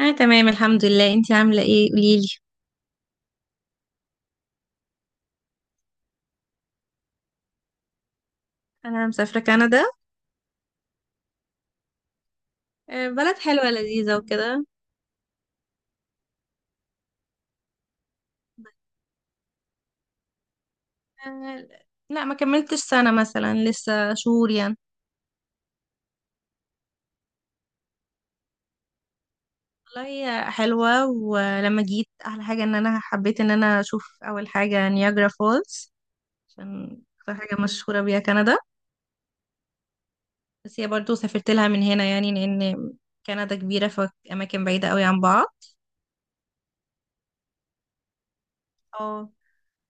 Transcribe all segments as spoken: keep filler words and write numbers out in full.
انا تمام، الحمد لله. انتي عامله ايه؟ قوليلي. انا مسافره كندا. آه، بلد حلوه لذيذه وكده. آه، لا ما كملتش سنه مثلا، لسه شهور يعني. والله هي حلوه، ولما جيت احلى حاجه ان انا حبيت ان انا اشوف اول حاجه نياجرا فولز. عشان اكتر حاجه مشهوره بيها كندا. بس هي برضو سافرت لها من هنا يعني، لان كندا كبيره، فاماكن بعيده قوي عن بعض. اه،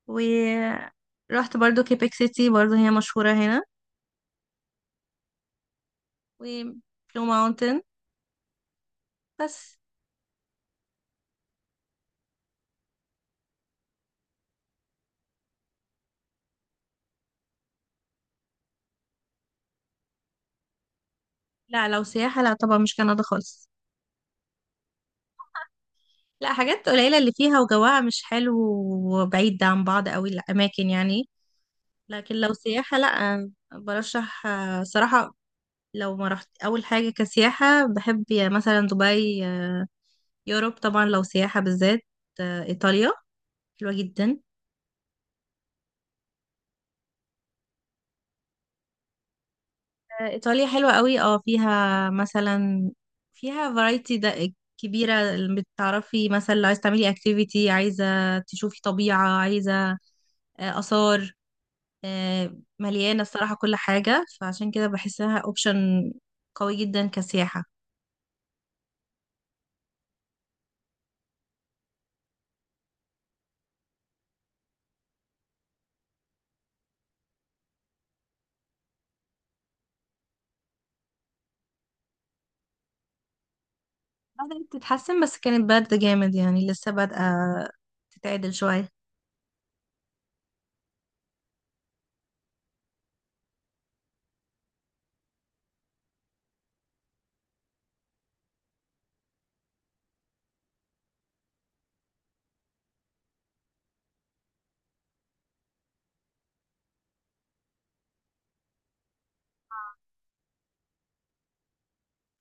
ورحت برضو كيبك سيتي، برضو هي مشهوره هنا. وبلو ماونتن. بس. لا، لو سياحة لا طبعا، مش كندا خالص. لا، حاجات قليلة اللي فيها، وجوها مش حلو. وبعيد عن بعض قوي الأماكن يعني. لكن لو سياحة، لا برشح آه، صراحة. لو ما رحت أول حاجة كسياحة بحب يا مثلا دبي. آه، يوروب طبعا لو سياحة بالذات. آه، إيطاليا حلوة جدا. آه، إيطاليا حلوة قوي. اه فيها مثلا فيها فرايتي ده كبيرة. بتعرفي مثلا لو عايزة تعملي اكتيفيتي، عايزة تشوفي طبيعة، عايزة آه، آثار. آه، مليانة الصراحة كل حاجة، فعشان كده بحسها اوبشن قوي جدا كسياحة. بدأت تتحسن، بس كانت بارده جامد يعني، لسه بادئة تتعدل شوية.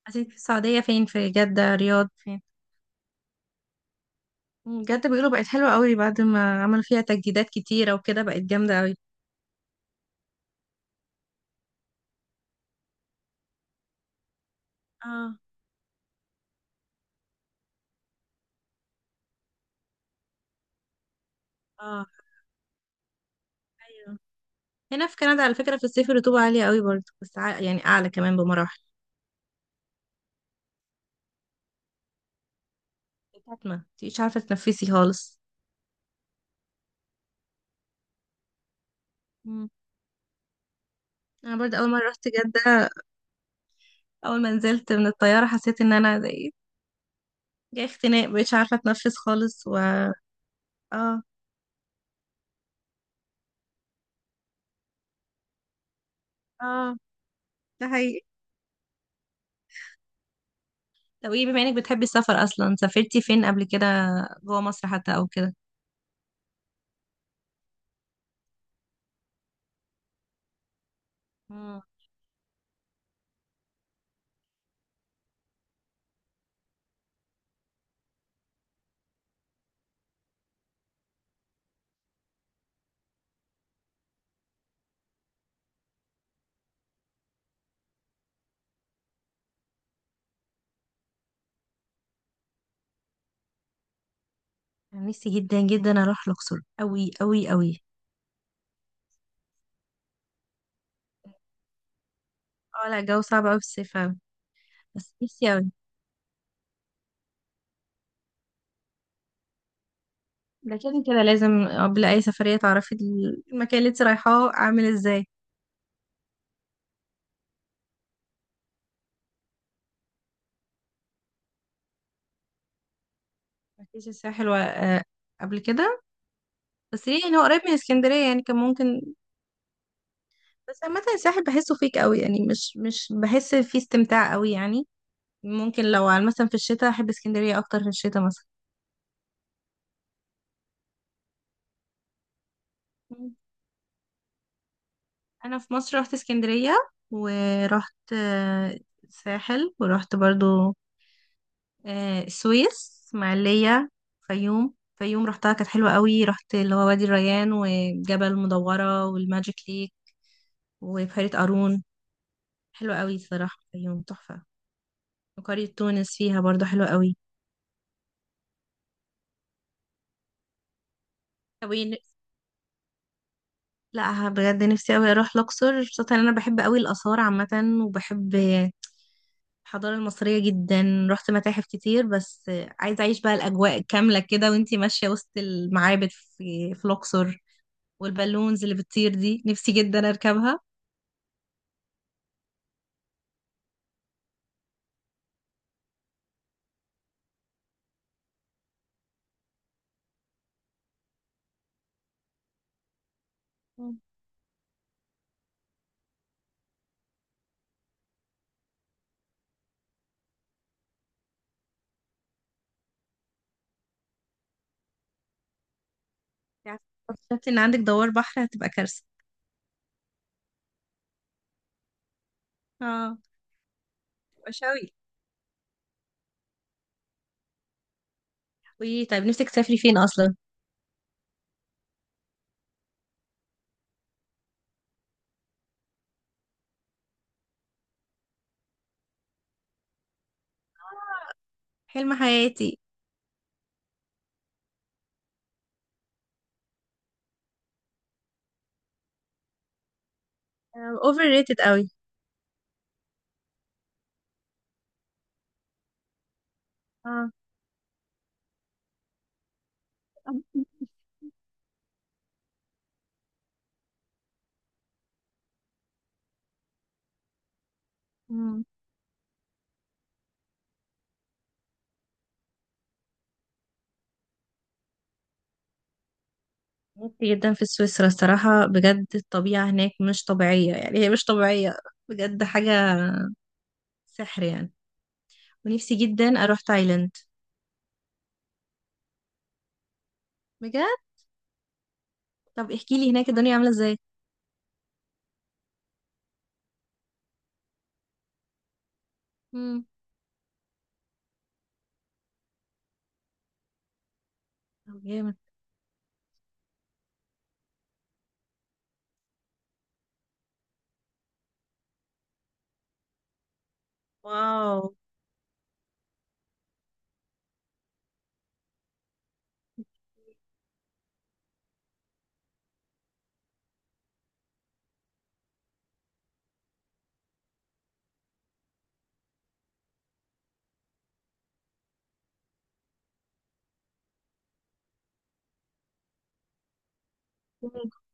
عايزين في السعودية فين؟ في جدة؟ رياض؟ فين؟ مم، جدة بيقولوا بقت حلوة قوي بعد ما عملوا فيها تجديدات كتيرة وكده، بقت جامدة قوي. اه. اه. ايوه. هنا في كندا على فكرة، في الصيف الرطوبة عالية قوي برضه، بس ع- يعني أعلى كمان بمراحل. كاتمة، متبقيش عارفة تتنفسي خالص. مم. أنا برضه أول مرة رحت جدة. اول ما نزلت من الطياره حسيت ان انا زي جاي اختناق، مش عارفه اتنفس خالص و. اه. اه. ده حقيقي. طب ايه، بما انك بتحبي السفر اصلا، سافرتي فين قبل كده؟ جوه مصر حتى او كده؟ مم. انا نفسي جدا جدا اروح الاقصر قوي قوي قوي. اه لا، الجو صعب قوي في الصيف أوي. بس نفسي قوي. لكن كده لازم قبل اي سفريه تعرفي المكان اللي انت رايحاه عامل ازاي. مفيش الساحل و آه، قبل كده؟ بس ليه يعني؟ هو قريب من اسكندريه يعني، كان ممكن. بس عامة الساحل بحسه فيك قوي يعني، مش مش بحس فيه استمتاع قوي يعني. ممكن لو على مثلا في الشتاء احب اسكندرية اكتر في الشتاء مثلا. مم. انا في مصر رحت اسكندرية، ورحت آه، الساحل، ورحت برضو آه، السويس، اسماعيلية. فيوم فيوم رحتها كانت حلوة قوي. رحت اللي هو وادي الريان وجبل مدورة والماجيك ليك وبحيرة قارون. حلوة قوي صراحة، فيوم تحفة. وقرية تونس فيها برضو حلوة قوي. طب. لا ه- بجد نفسي قوي اروح الاقصر، خصوصا ان انا بحب قوي الاثار عامه. وبحب الحضاره المصريه جدا، رحت متاحف كتير. بس عايزه اعيش بقى الاجواء كامله كده وانتي ماشيه وسط المعابد في في الاقصر. والبالونز اللي بتطير دي نفسي جدا اركبها. مم. شفت ان عندك دوار بحر، هتبقى كارثه. اه. تبقى شوي. قولي، طيب نفسك تسافري فين اصلا؟ حلم حياتي. اوفر ريتد قوي. اه. مت جدا في سويسرا الصراحة بجد، الطبيعة هناك مش طبيعية يعني، هي مش طبيعية بجد، حاجة سحر يعني. ونفسي جدا أروح تايلاند. بجد. طب احكي لي هناك الدنيا عاملة ازاي. مم. طب جامد. واو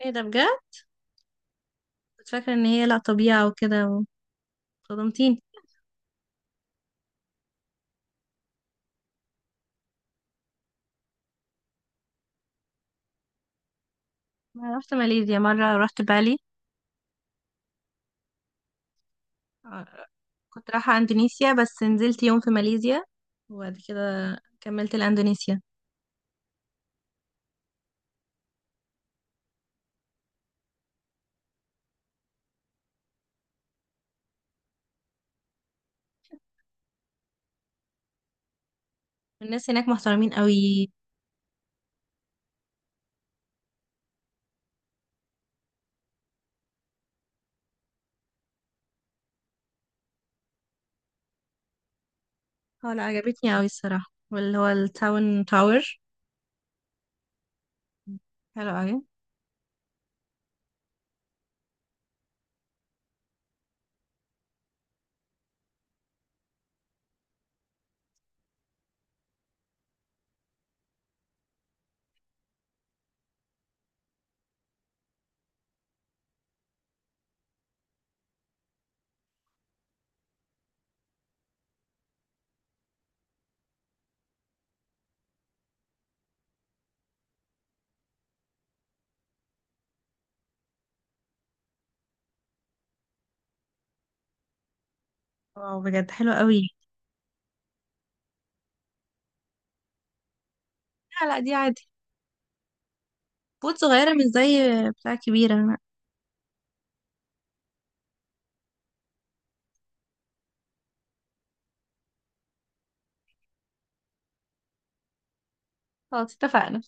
ايه ده بجد! كنت فاكرة ان هي لا طبيعة وكده. صدمتيني. أنا رحت ماليزيا مرة، رحت بالي. آه، كنت رايحة اندونيسيا بس نزلت يوم في ماليزيا، وبعد كده كملت لاندونيسيا. الناس هناك محترمين قوي. هو لا عجبتني قوي الصراحة، واللي هو التاون تاور، حلو قوي. واو بجد حلو قوي. لا لا، دي عادي. بوت صغيرة، مش زي بتاع كبيرة، لا. خلاص اتفقنا.